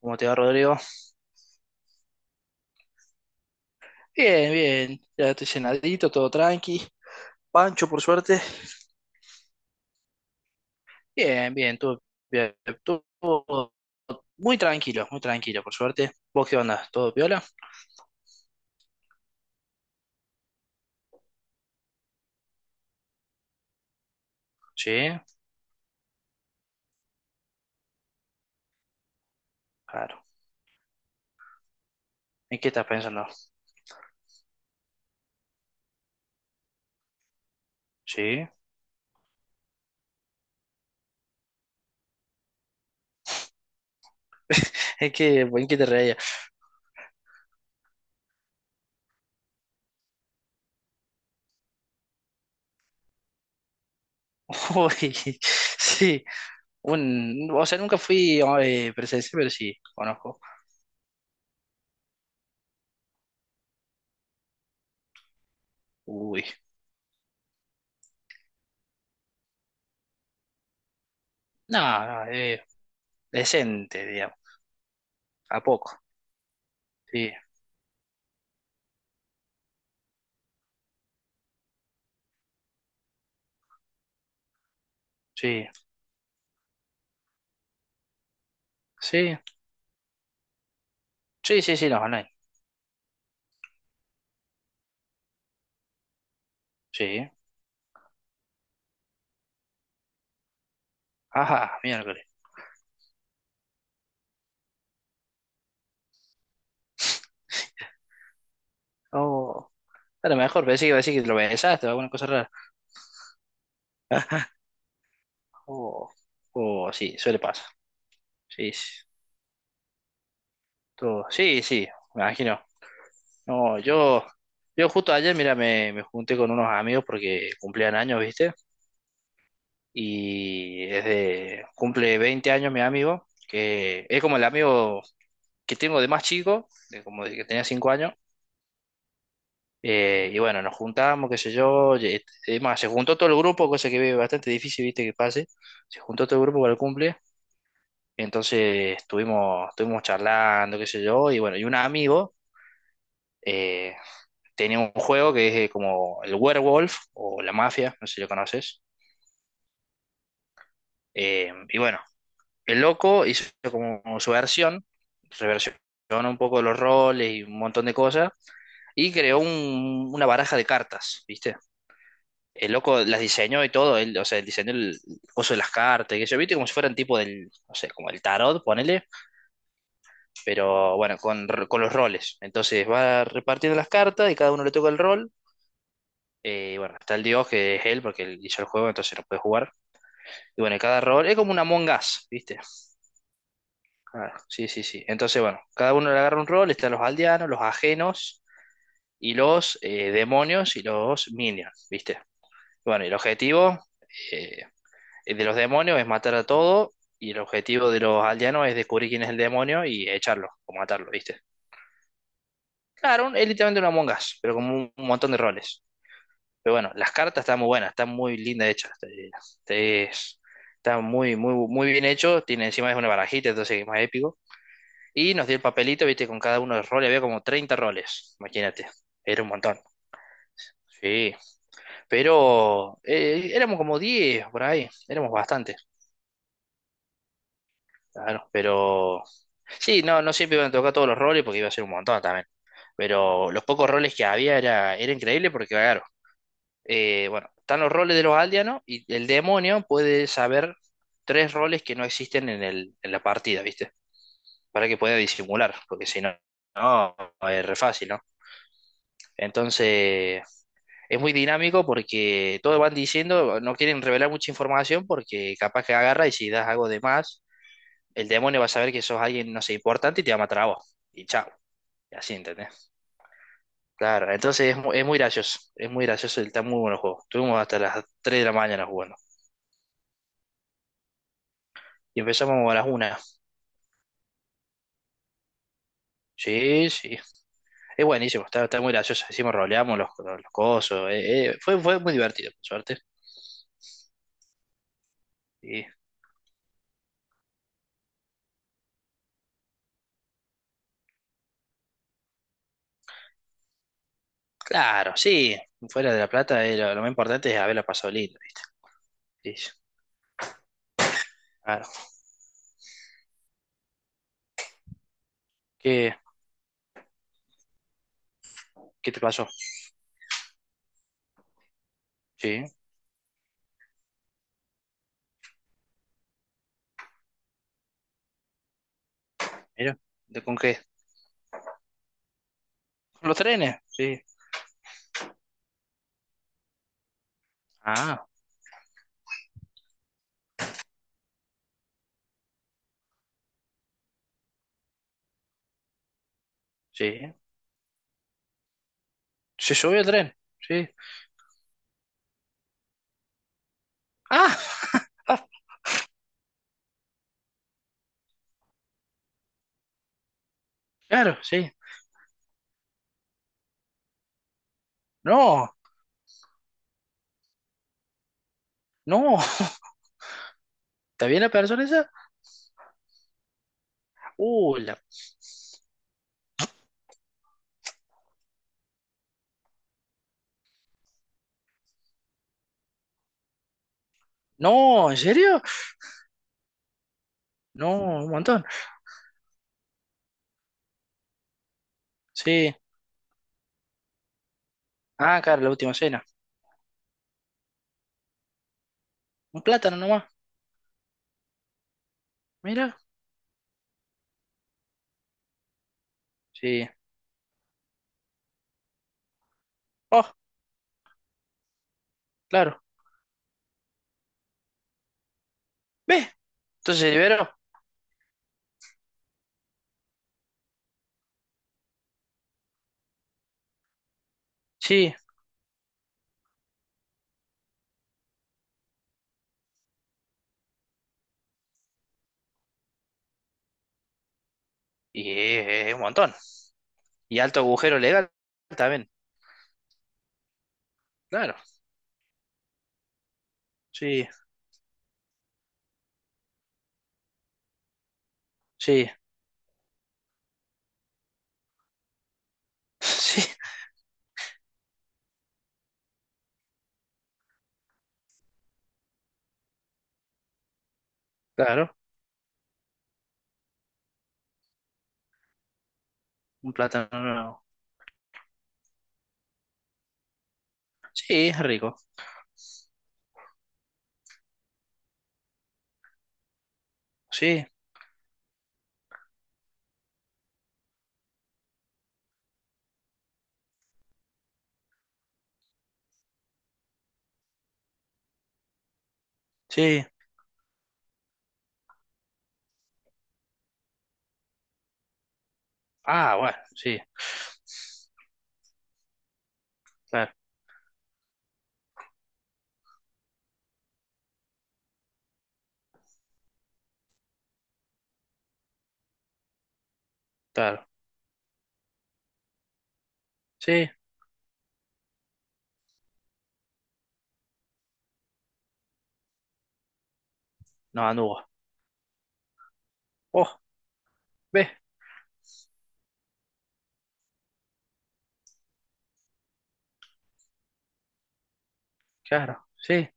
¿Cómo te va, Rodrigo? Bien, bien. Ya estoy cenadito, todo tranqui. Pancho, por suerte. Bien, bien. Todo, bien, todo muy tranquilo, por suerte. ¿Vos qué onda? ¿Todo piola? Sí, claro. ¿En qué estás pensando? Sí. ¿En qué te reía? Uy, sí. O sea, nunca fui presencial, pero sí, conozco. Uy. No, no, decente, digamos. ¿A poco? Sí, sí. Sí, sí, sí, sí, no, no, sí. Ajá, miércoles. Oh, a lo mejor pensé que iba a decir que lo besaste o alguna cosa rara. Oh, oh, sí, suele pasar. Sí, sí, todo. Sí, sí, me imagino. No, yo justo ayer, mira, me junté con unos amigos porque cumplían años, ¿viste? Y cumple 20 años mi amigo, que es como el amigo que tengo de más chico, de como de que tenía 5 años. Y bueno, nos juntamos, qué sé yo. Es más, se juntó todo el grupo, cosa que es bastante difícil, viste, que pase. Se juntó todo el grupo para el cumple. Entonces estuvimos, estuvimos charlando, qué sé yo. Y bueno, y un amigo eh, tenía un juego que es como el Werewolf o la Mafia, no sé si lo conoces. Y bueno, el loco hizo como su versión, reversionó un poco los roles y un montón de cosas. Y creó una baraja de cartas, ¿viste? El loco las diseñó y todo, él, o sea, él diseñó el coso de las cartas, que yo viste como si fueran tipo del, no sé, como el tarot, ponele, pero bueno, con, con los roles. Entonces va repartiendo las cartas y cada uno le toca el rol. Y bueno, está el dios que es él, porque él hizo el juego, entonces no puede jugar. Y bueno, cada rol es como una Among Us, ¿viste? Ah, sí, sí, sí. Entonces, bueno, cada uno le agarra un rol, están los aldeanos, los ajenos y los demonios y los minions, ¿viste? Bueno, y el objetivo, eh, El de los demonios es matar a todo y el objetivo de los aldeanos es descubrir quién es el demonio y echarlo o matarlo, ¿viste? Claro, es literalmente una Among Us, pero con un montón de roles. Pero bueno, las cartas están muy buenas, están muy lindas hechas. Te- es- están muy, muy, muy bien hecho. Tiene encima es una barajita, entonces es más épico. Y nos dio el papelito, viste, con cada uno de los roles. Había como 30 roles, imagínate. Era un montón. Sí. Pero éramos como 10 por ahí. Éramos bastante. Claro, pero sí, no, no siempre iban a tocar todos los roles porque iba a ser un montón también. Pero los pocos roles que había era, era increíble porque, claro, bueno, están los roles de los aldeanos y el demonio puede saber 3 roles que no existen en el, en la partida, ¿viste? Para que pueda disimular, porque si no, no, es re fácil, ¿no? Entonces, es muy dinámico porque todos van diciendo, no quieren revelar mucha información porque capaz que agarra y si das algo de más el demonio va a saber que sos alguien, no sé, importante y te va a matar a vos. Y chao. Y así, ¿entendés? Claro, entonces es, es muy gracioso. Es muy gracioso, está muy bueno el juego. Estuvimos hasta las 3 de la mañana jugando. Y empezamos a las una. Sí, sí. Es buenísimo, está, está muy gracioso. Hicimos roleamos los cosos. Fue, fue muy divertido, por suerte. Y, claro, sí. Fuera de La Plata, lo más importante es haberla pasado lindo, ¿viste? Sí, sí. Claro. ¿Qué, qué te pasó? Sí, mira. ¿De con qué? ¿Con los trenes? Sí. Ah, sí. Se subió el tren, sí. Ah, ah, claro, sí. No, no. ¿Está bien la persona esa? Uh, la- No, ¿en serio? No, un montón. Sí. Ah, claro, la última cena. Un plátano nomás. Mira. Sí. Oh, claro. ¿Ve? Entonces se liberó. Sí. Y es un montón. Y alto agujero legal también. Claro. Sí, sí. Sí, claro. Un plátano nuevo. Sí, es rico. Sí, sí. Ah, bueno, sí. Claro, claro. Sí. No, Anugo. Oh, ve, claro, sí.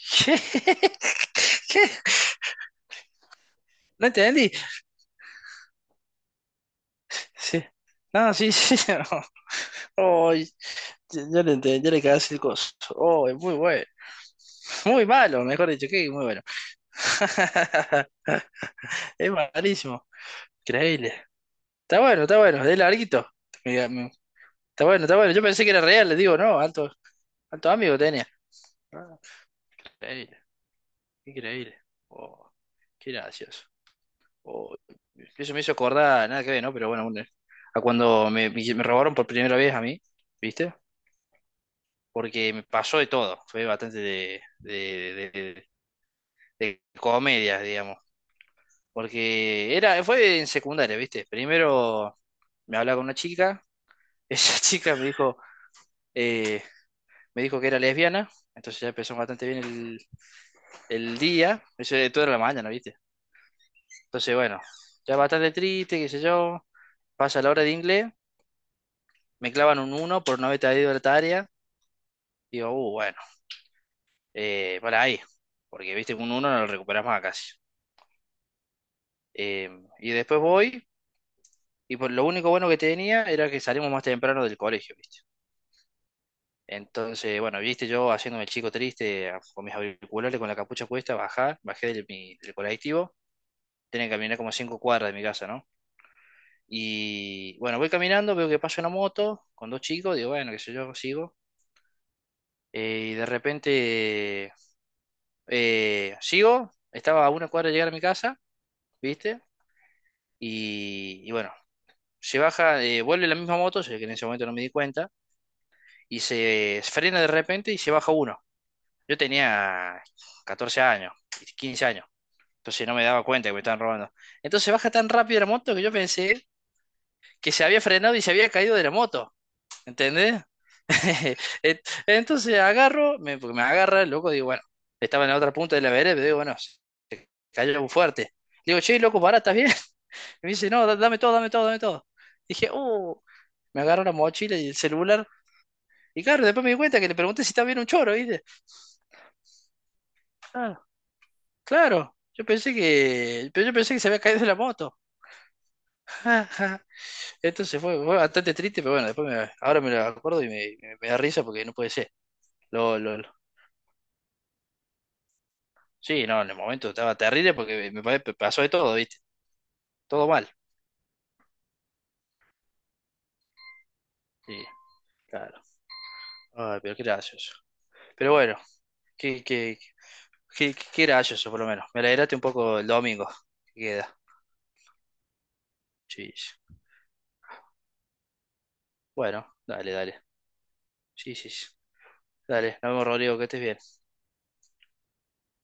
¿Qué? ¿Qué? ¿No entendí? Sí. No, sí, sí. no. Oh, ya, ya le entendí, ya le cagaste el coso. Oh, es muy bueno. Muy malo, mejor dicho, que muy bueno. Es malísimo. Increíble. Está bueno, es larguito. Mira, está bueno, está bueno. Yo pensé que era real, le digo, no, alto, alto amigo tenía. Ah, increíble, increíble. Oh, qué gracioso. o- eso me hizo acordar, nada que ver, ¿no? Pero bueno, a cuando robaron por primera vez a mí, ¿viste? Porque me pasó de todo, fue bastante de comedia, digamos. Porque era, fue en secundaria, ¿viste? Primero me hablaba con una chica, esa chica eh, me dijo que era lesbiana, entonces ya empezó bastante bien el día, eso de toda la mañana, ¿viste? Entonces, bueno, ya bastante triste, qué sé yo, pasa la hora de inglés. Me clavan un uno por no haber traído el área. Digo, bueno, para ahí, porque viste que un uno no lo recuperas más casi. Eh, y después voy, y lo único bueno que tenía era que salimos más temprano del colegio, viste. Entonces, bueno, viste yo haciéndome el chico triste, con mis auriculares, con la capucha puesta, bajé del colectivo, tenía que caminar como 5 cuadras de mi casa, ¿no? Y bueno, voy caminando, veo que pasa una moto con dos chicos, digo, bueno, qué sé yo, sigo. Y de repente sigo, estaba a una cuadra de llegar a mi casa, ¿viste? Y bueno, se baja, vuelve la misma moto, sé que en ese momento no me di cuenta, y se frena de repente y se baja uno. Yo tenía 14 años, 15 años, entonces no me daba cuenta que me estaban robando. Entonces se baja tan rápido la moto que yo pensé que se había frenado y se había caído de la moto, ¿entendés? Et- Entonces agarro, porque me agarra, el loco, digo, bueno, estaba en la otra punta de la vereda, pero digo, bueno, cayó fuerte. Le digo, che, loco, pará, ¿estás bien? Me dice, no, dame todo, dame todo, dame todo. Dije, me agarro la mochila y el celular. Y claro, después me di cuenta que le pregunté si estaba bien un choro, ¿viste? Ah, claro, yo pensé que, pero yo pensé que se había caído de la moto. Entonces fue, fue bastante triste, pero bueno, después ahora me lo acuerdo y me da risa porque no puede ser. Lo, lo, lo- Sí, no, en el momento estaba terrible porque pasó de todo, ¿viste? Todo mal. Sí, claro. Ay, pero qué gracioso. Pero bueno, que qué gracioso, por lo menos. Me alegraste un poco el domingo. Queda. Sí. Sí. Bueno, dale, dale. Sí, sí. Sí. Dale, nos vemos, Rodrigo, que estés bien.